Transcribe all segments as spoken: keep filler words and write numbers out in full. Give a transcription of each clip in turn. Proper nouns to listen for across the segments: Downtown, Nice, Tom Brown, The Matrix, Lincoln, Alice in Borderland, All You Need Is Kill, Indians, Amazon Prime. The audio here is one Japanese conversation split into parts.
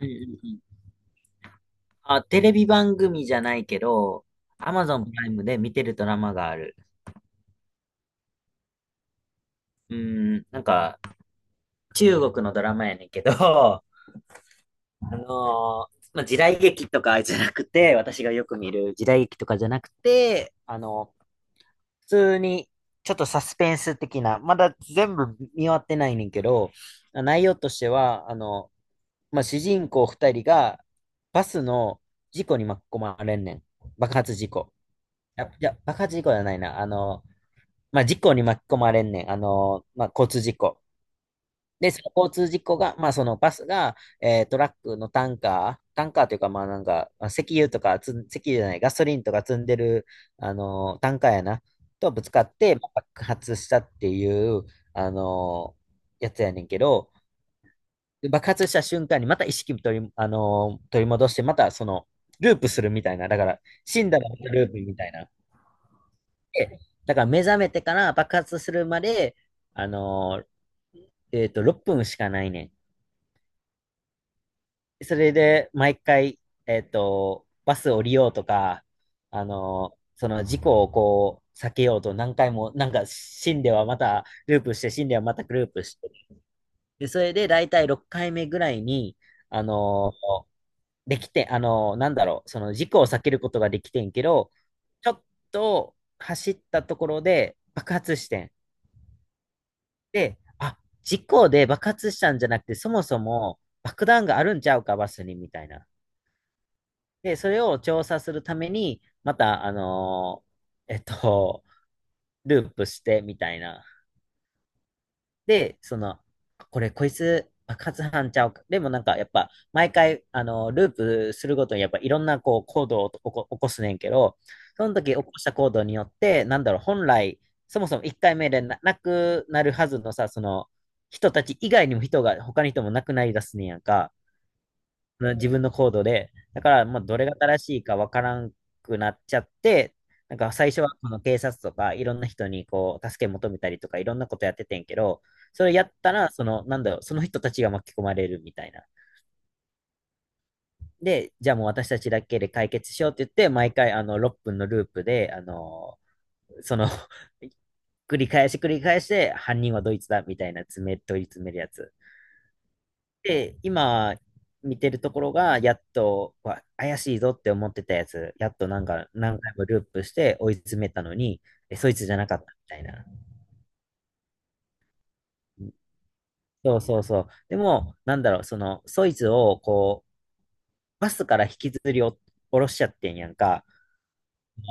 うんうんうん。あ、テレビ番組じゃないけど、Amazon プライムで見てるドラマがある。うーん、なんか、中国のドラマやねんけど、あのーまあ、時代劇とかじゃなくて、私がよく見る時代劇とかじゃなくて、あの、普通に、ちょっとサスペンス的な、まだ全部見終わってないねんけど、内容としては、あの、まあ、主人公二人がバスの事故に巻き込まれんねん。爆発事故。や、いや、爆発事故じゃないな。あの、まあ、事故に巻き込まれんねん。あの、まあ、交通事故。で、その交通事故が、まあ、そのバスが、えートラックのタンカー、タンカーというか、まあ、なんか、まあ石油とかつん、石油じゃない、ガソリンとか積んでる、あの、タンカーやな、とぶつかって、まあ爆発したっていう、あの、やつやねんけど、で爆発した瞬間にまた意識取り、あの、取り戻して、またその、ループするみたいな。だから、死んだらまたループみたいな。でだから目覚めてから爆発するまで、あのーえっと、ろっぷんしかないねん。それで、毎回、えっと、バス降りようとか、あのーその事故をこう、避けようと何回も、なんか死んではまたループして、死んではまたループして。で、それで大体ろっかいめぐらいに、あのーできて、あのーなんだろう、その事故を避けることができてんけど、ちょっと走ったところで爆発してん。で、あ、事故で爆発したんじゃなくて、そもそも爆弾があるんちゃうか、バスに、みたいな。で、それを調査するために、また、あのーえっと、ループして、みたいな。で、その、これ、こいつ、爆発犯ちゃうか。でもなんか、やっぱ、毎回、あの、ループするごとに、やっぱ、いろんな、こう、行動を起こ、起こすねんけど、その時起こした行動によって、なんだろう、本来、そもそもいっかいめでな、なくなるはずのさ、その、人たち以外にも人が、他の人もなくなりだすねんやんか。うん自分のコードで。だから、まあ、どれが正しいかわからんくなっちゃって、なんか最初はこの警察とかいろんな人にこう助け求めたりとかいろんなことやっててんけど、それやったら、その、なんだろう、その人たちが巻き込まれるみたいな。で、じゃあもう私たちだけで解決しようって言って、毎回あのろっぷんのループで、あの、その 繰り返し繰り返して、犯人はドイツだみたいな詰め、問い詰めるやつ。で、今見てるところが、やっと、わ怪しいぞって思ってたやつ、やっとなんか何回もループして追い詰めたのに、え、そいつじゃなかったみたいな。そうそうそう。でも、なんだろう、その、そいつをこう、バスから引きずりお下ろしちゃってんやんか。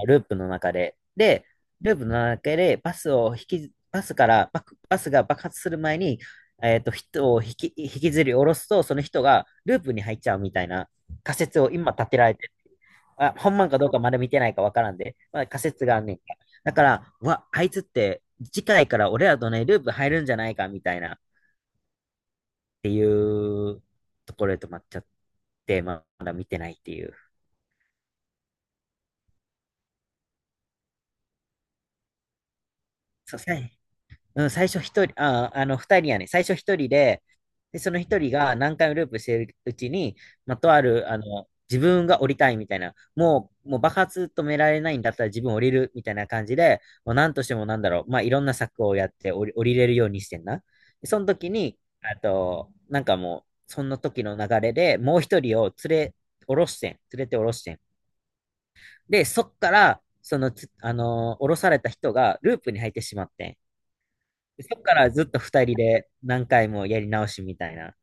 ループの中で。で、ループの中でバスを引き、バスからバク、バスが爆発する前に、えっと、人を引き、引きずり下ろすと、その人がループに入っちゃうみたいな仮説を今立てられてる。あ、本番かどうかまだ見てないかわからんで、まあ、仮説があんねん。だから、うわ、あいつって次回から俺らとね、ループ入るんじゃないかみたいなっていうところで止まっちゃって、まあまだ見てないっていう。そうですね。うん、最初一人、あ、あの、二人やね。最初一人で、で、その一人が何回もループしてるうちに、まあ、とある、あの、自分が降りたいみたいな、もう、もう爆発止められないんだったら自分降りるみたいな感じで、もう何としてもなんだろう、まあ、いろんな策をやって降り、降りれるようにしてんな。でその時に、あと、なんかもう、その時の流れでもう一人を連れ、降ろしてん。連れて降ろしてん。で、そっから、そのつ、あのー降ろされた人がループに入ってしまってん。でそっからずっと二人で何回もやり直しみたいな。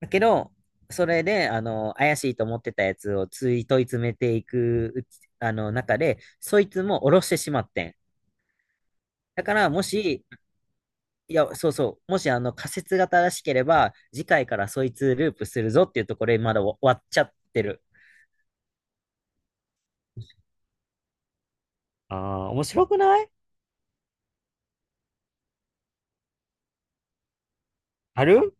だけど、それで、あの、怪しいと思ってたやつをつい問い詰めていくうち、あの、中で、そいつも下ろしてしまってん。だから、もし、いや、そうそう、もし、あの、仮説が正しければ、次回からそいつループするぞっていうところで、まだ終わっちゃってる。ああ、面白くないある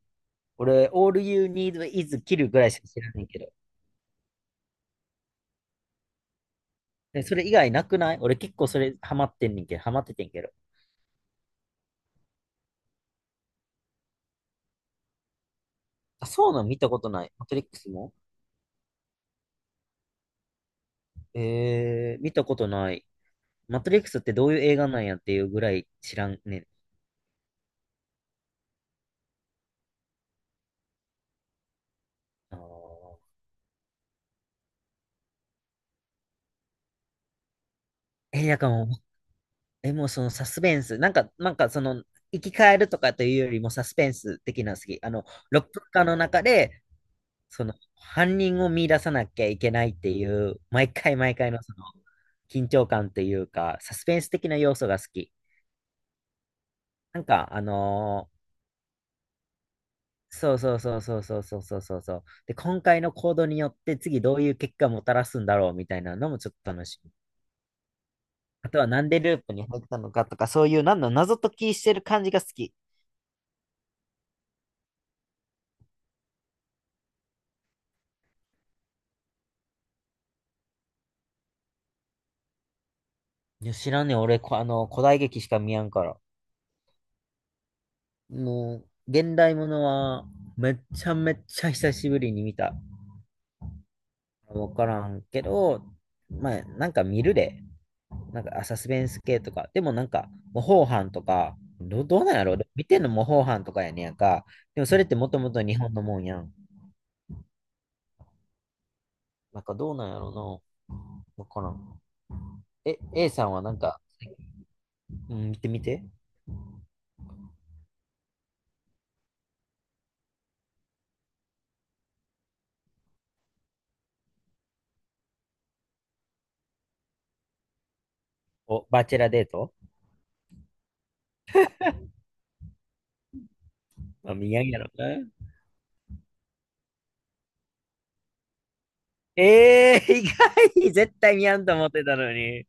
俺、all you need is kill ぐらいしか知らないけど。でそれ以外なくない俺結構それハマってんねんけど、ハマっててんけど。あ、そうなの見たことない。マトリックスもえー、見たことない。マトリックスってどういう映画なんやっていうぐらい知らんねん。あーえ、なんかもう、え、もうそのサスペンス、なんか、なんかその、生き返るとかというよりもサスペンス的なの好き。あの、ろっぷんかんの中で、その、犯人を見出さなきゃいけないっていう、毎回毎回のその、緊張感というか、サスペンス的な要素が好き。なんか、あのそうそうそうそうそうそうそうそうそう。で、今回の行動によって次どういう結果をもたらすんだろうみたいなのもちょっと楽しみ。あとはなんでループに入ったのかとか、そういうなんの謎解きしてる感じが好き。いや、知らんねん。俺、こあの、古代劇しか見やんから。もう、現代ものはめっちゃめっちゃ久しぶりに見た。わからんけど、まあ、なんか見るで。なんか、あサスペンス系とか、でもなんか、模倣犯とか、ど、どうなんやろ見てんの模倣犯とかやねんやんか。でもそれってもともと日本のもんやん。なんかどうなんやろな。わからん。え、A さんはなんか、うん、見てみて。お、バチェラデートあ、見やんやろな。えー、意外絶対見やんと思ってたのに。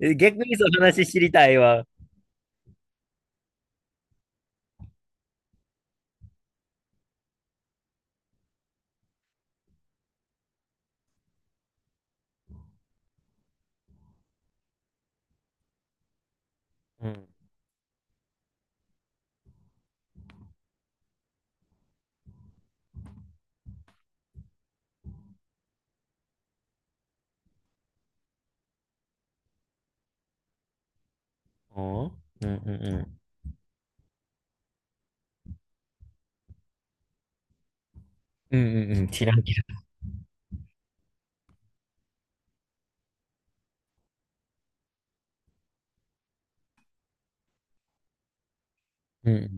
え逆にその話知りたいわ。うん。おうんうんうん。うんうんうん。知らんけど。うんう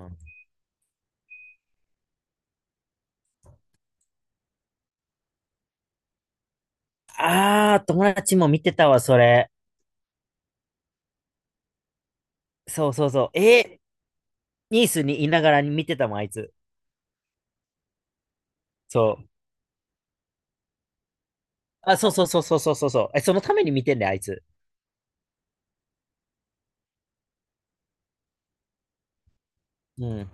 ん。うんあー、友達も見てたわ、それ。そうそうそう。えーニースにいながらに見てたもん、あいつ。そう。あ、そうそうそうそうそうそうそう。え、そのために見てんだよ、あいつ。うん。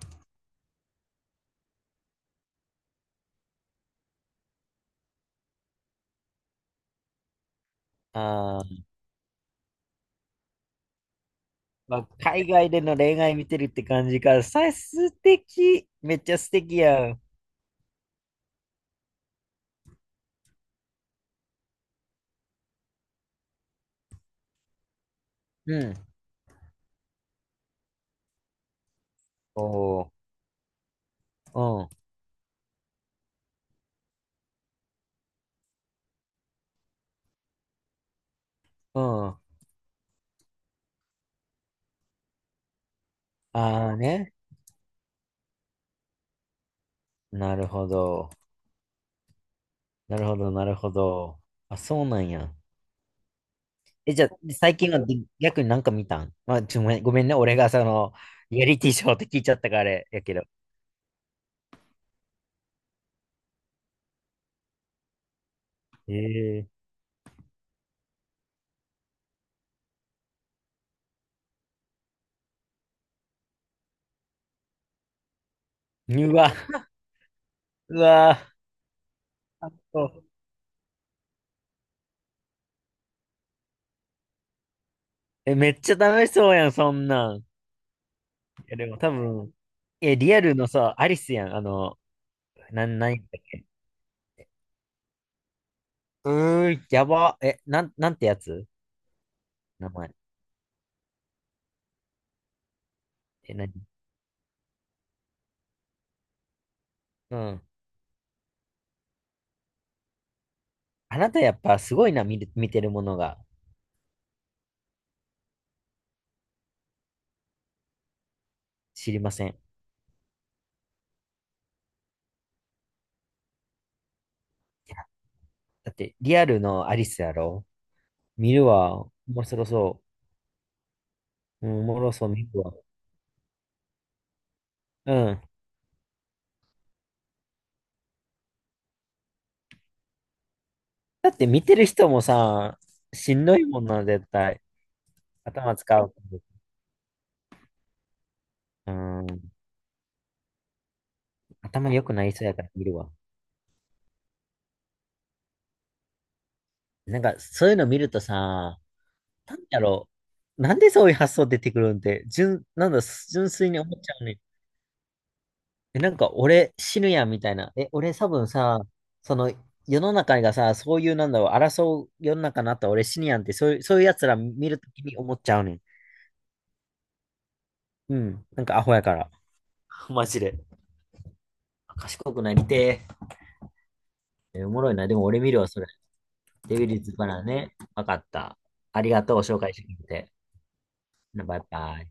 あー、まあ、海外での恋愛見てるって感じか。さ、素敵。めっちゃ素敵やん。うん。おお、うん、うん。ああね。なるほど。なるほど、なるほど。あ、そうなんや。え、じゃあ、最近はで逆になんか見たんまあ、ちょ、ごめんごめんね。俺がその、リアリティショーって聞いちゃったからあれやけど。ええーうわ、うわ、え、めっちゃ楽しそうやん、そんなん。いや、でも多分、え、リアルのさ、アリスやん、あの、なん、なんやったっけ、うー、やば。え、なん、なんてやつ名前。え、なにうん。あなたやっぱすごいな、見る、見てるものが知りません。いや、だって、リアルのアリスやろ見るわ。面白そう。うん、おもろそう、見るわ。うん。だって見てる人もさ、しんどいもんな、絶対。頭使う。うん。頭良くなりそうやから見るわ。なんか、そういうの見るとさ、なんだろう。なんでそういう発想出てくるんって、純、なんだ、純粋に思っちゃうね。え、なんか、俺死ぬやんみたいな。え、俺多分さ、その、世の中がさ、そういう、なんだろう、争う世の中になったら俺死ぬやんって、そういう、そういう奴ら見るときに思っちゃうねん。うん。なんか、アホやから。マジで。賢くなりてえ。えおもろいな。でも俺見るわ、それ。デビリーズからね。わかった。ありがとう、紹介してくれて。バイバイ。